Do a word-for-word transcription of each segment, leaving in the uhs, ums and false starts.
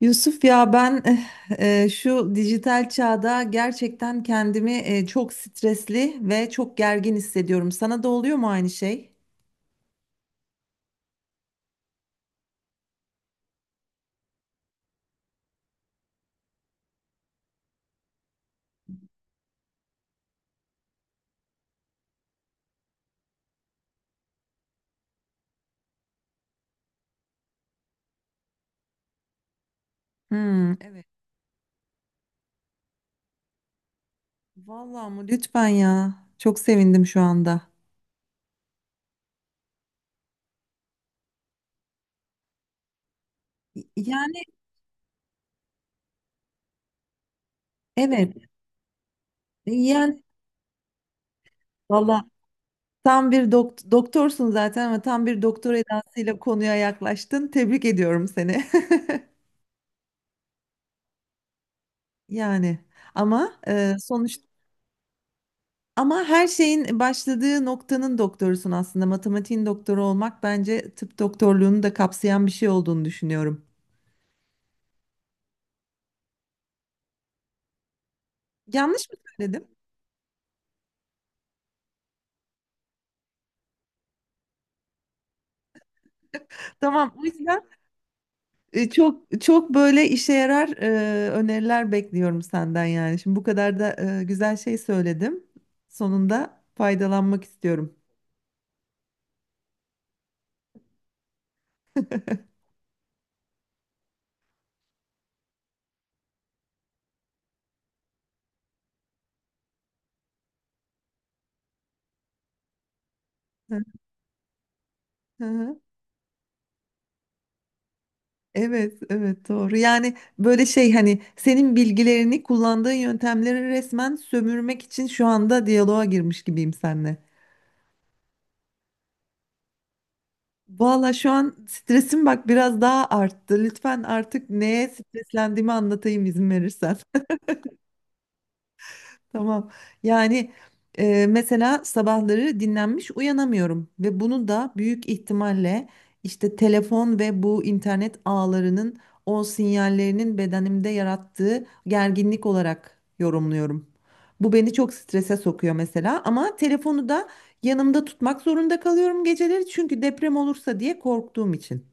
Yusuf ya ben eh, eh, şu dijital çağda gerçekten kendimi eh, çok stresli ve çok gergin hissediyorum. Sana da oluyor mu aynı şey? Hmm, evet. Vallahi mı? Lütfen ya. Çok sevindim şu anda. Yani evet. Yani valla tam bir dokt- doktorsun zaten ama tam bir doktor edasıyla konuya yaklaştın. Tebrik ediyorum seni. Yani ama eh, sonuçta ama her şeyin başladığı noktanın doktorusun aslında. Matematiğin doktoru olmak bence tıp doktorluğunu da kapsayan bir şey olduğunu düşünüyorum. Yanlış mı söyledim? Tamam, o yüzden e, çok çok böyle işe yarar e, öneriler bekliyorum senden yani. Şimdi bu kadar da e, güzel şey söyledim. Sonunda faydalanmak istiyorum. Hı hı. Evet, evet doğru. Yani böyle şey hani senin bilgilerini kullandığın yöntemleri resmen sömürmek için şu anda diyaloğa girmiş gibiyim seninle. Valla şu an stresim bak biraz daha arttı. Lütfen artık neye streslendiğimi anlatayım izin verirsen. Tamam. Yani e, mesela sabahları dinlenmiş uyanamıyorum ve bunu da büyük ihtimalle işte telefon ve bu internet ağlarının o sinyallerinin bedenimde yarattığı gerginlik olarak yorumluyorum. Bu beni çok strese sokuyor mesela ama telefonu da yanımda tutmak zorunda kalıyorum geceleri çünkü deprem olursa diye korktuğum için.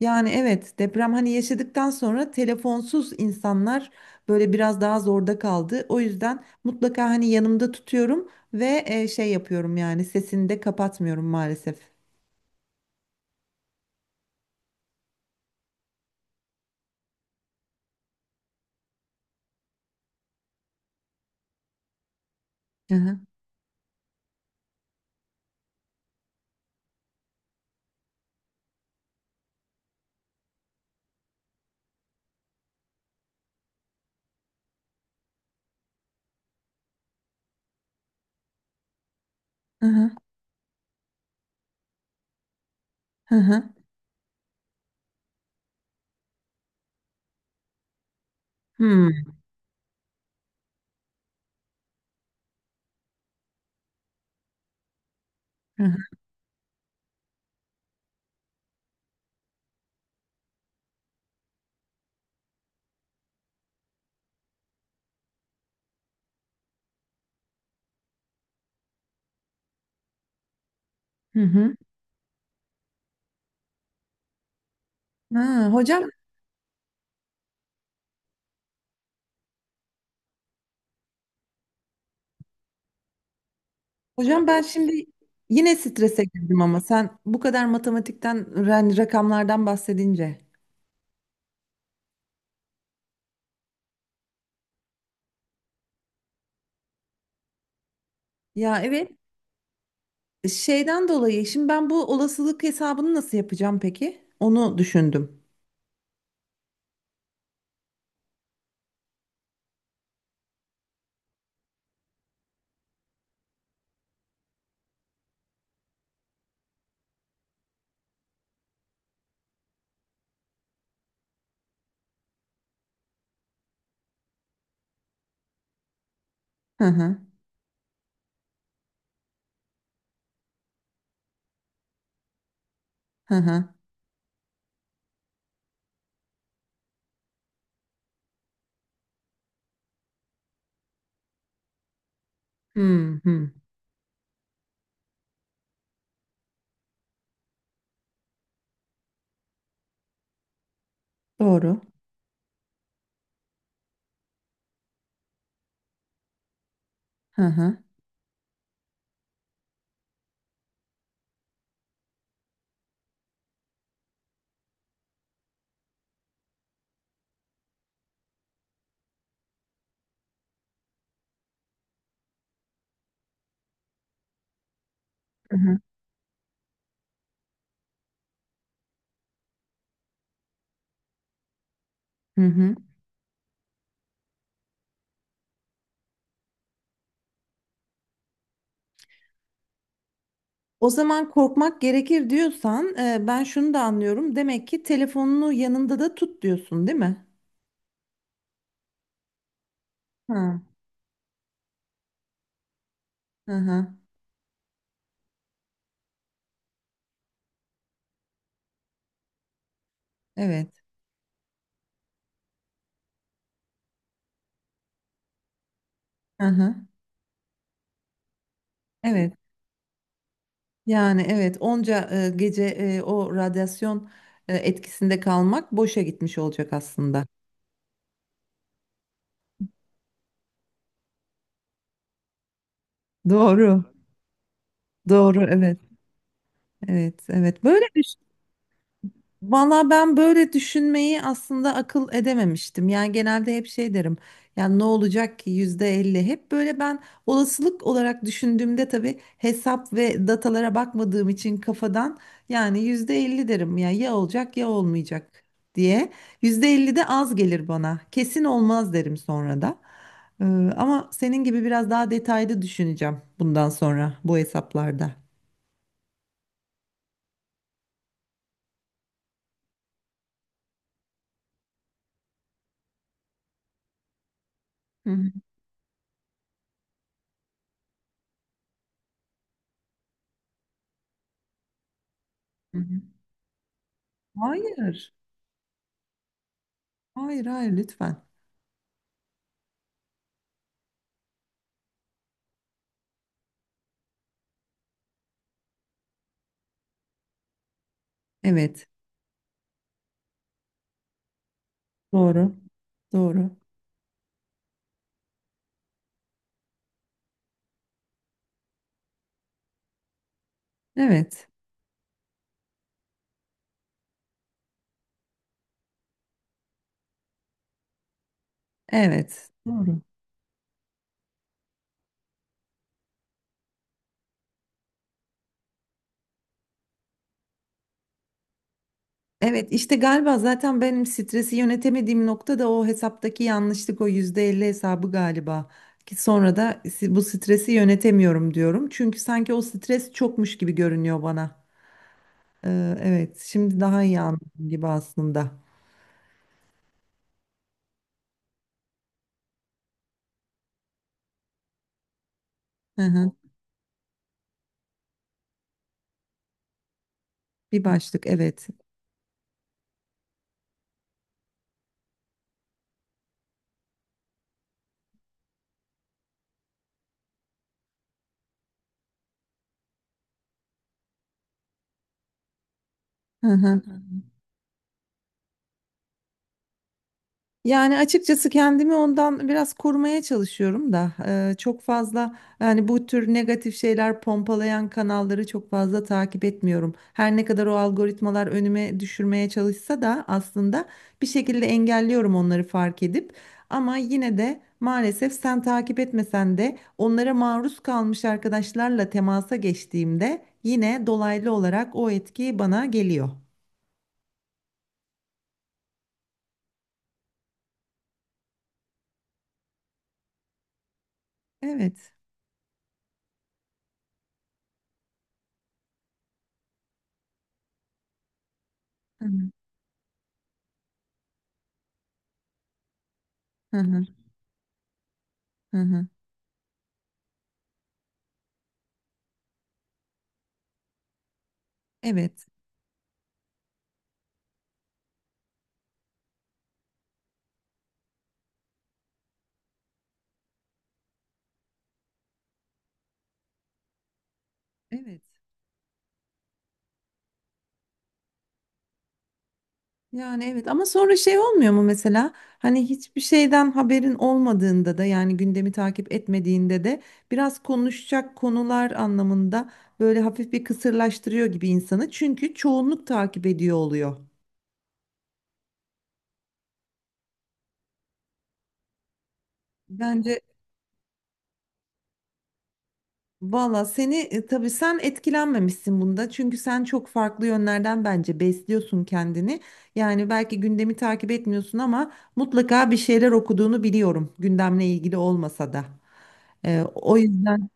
Yani evet deprem hani yaşadıktan sonra telefonsuz insanlar böyle biraz daha zorda kaldı. O yüzden mutlaka hani yanımda tutuyorum ve e, şey yapıyorum yani sesini de kapatmıyorum maalesef. Hı hı, hı hı, hı hı. Hmm, hı hı, hı hı. Ha, hocam hocam ben şimdi yine strese girdim ama sen bu kadar matematikten ren- rakamlardan bahsedince. Ya evet, şeyden dolayı şimdi ben bu olasılık hesabını nasıl yapacağım peki? Onu düşündüm. Hı hı. Hı hı. Hı hı. Doğru. Hı hı. Hı hı. Hı hı. O zaman korkmak gerekir diyorsan e, ben şunu da anlıyorum. Demek ki telefonunu yanında da tut diyorsun, değil mi? Hı hı, hı. Evet. Hı hı. Evet. Yani evet onca e, gece e, o radyasyon e, etkisinde kalmak boşa gitmiş olacak aslında. Doğru. Doğru. Evet. Evet. Evet. Böyle valla ben böyle düşünmeyi aslında akıl edememiştim. Yani genelde hep şey derim. Yani ne olacak ki, yüzde elli. Hep böyle ben olasılık olarak düşündüğümde tabii hesap ve datalara bakmadığım için kafadan yani yüzde elli derim. Ya ya olacak ya olmayacak diye. Yüzde elli de az gelir bana. Kesin olmaz derim sonra da. Ee, ama senin gibi biraz daha detaylı düşüneceğim bundan sonra bu hesaplarda. Hı hı, hı hı. Hayır. Hayır, hayır, lütfen. Evet. Doğru. Doğru. Evet. Evet. Doğru. Evet işte galiba zaten benim stresi yönetemediğim nokta da o hesaptaki yanlışlık, o yüzde elli hesabı galiba. Ki sonra da si- bu stresi yönetemiyorum diyorum. Çünkü sanki o stres çokmuş gibi görünüyor bana. Ee, evet, şimdi daha iyi anladım gibi aslında. Hı hı. Bir başlık, evet. Hı hı. Yani açıkçası kendimi ondan biraz korumaya çalışıyorum da eee, çok fazla yani bu tür negatif şeyler pompalayan kanalları çok fazla takip etmiyorum. Her ne kadar o algoritmalar önüme düşürmeye çalışsa da aslında bir şekilde engelliyorum onları fark edip, ama yine de maalesef sen takip etmesen de onlara maruz kalmış arkadaşlarla temasa geçtiğimde yine dolaylı olarak o etki bana geliyor. Evet. Hı hı. Hı hı. Hı hı. Evet. Evet. Yani evet, ama sonra şey olmuyor mu mesela hani hiçbir şeyden haberin olmadığında da yani gündemi takip etmediğinde de biraz konuşacak konular anlamında böyle hafif bir kısırlaştırıyor gibi insanı, çünkü çoğunluk takip ediyor oluyor. Bence valla seni e, tabii sen etkilenmemişsin bunda çünkü sen çok farklı yönlerden bence besliyorsun kendini. Yani belki gündemi takip etmiyorsun ama mutlaka bir şeyler okuduğunu biliyorum, gündemle ilgili olmasa da. E, o yüzden.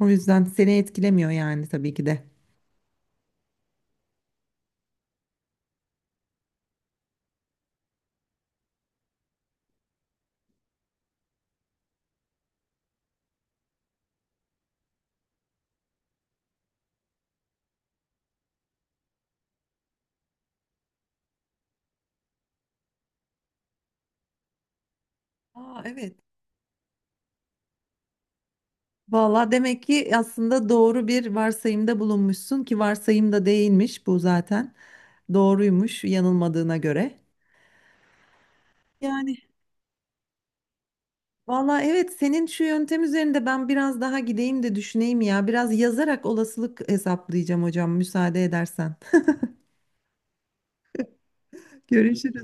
O yüzden seni etkilemiyor yani tabii ki de. Aa, evet. Valla demek ki aslında doğru bir varsayımda bulunmuşsun, ki varsayım da değilmiş bu zaten. Doğruymuş yanılmadığına göre. Yani valla evet, senin şu yöntem üzerinde ben biraz daha gideyim de düşüneyim ya. Biraz yazarak olasılık hesaplayacağım hocam, müsaade edersen. Görüşürüz.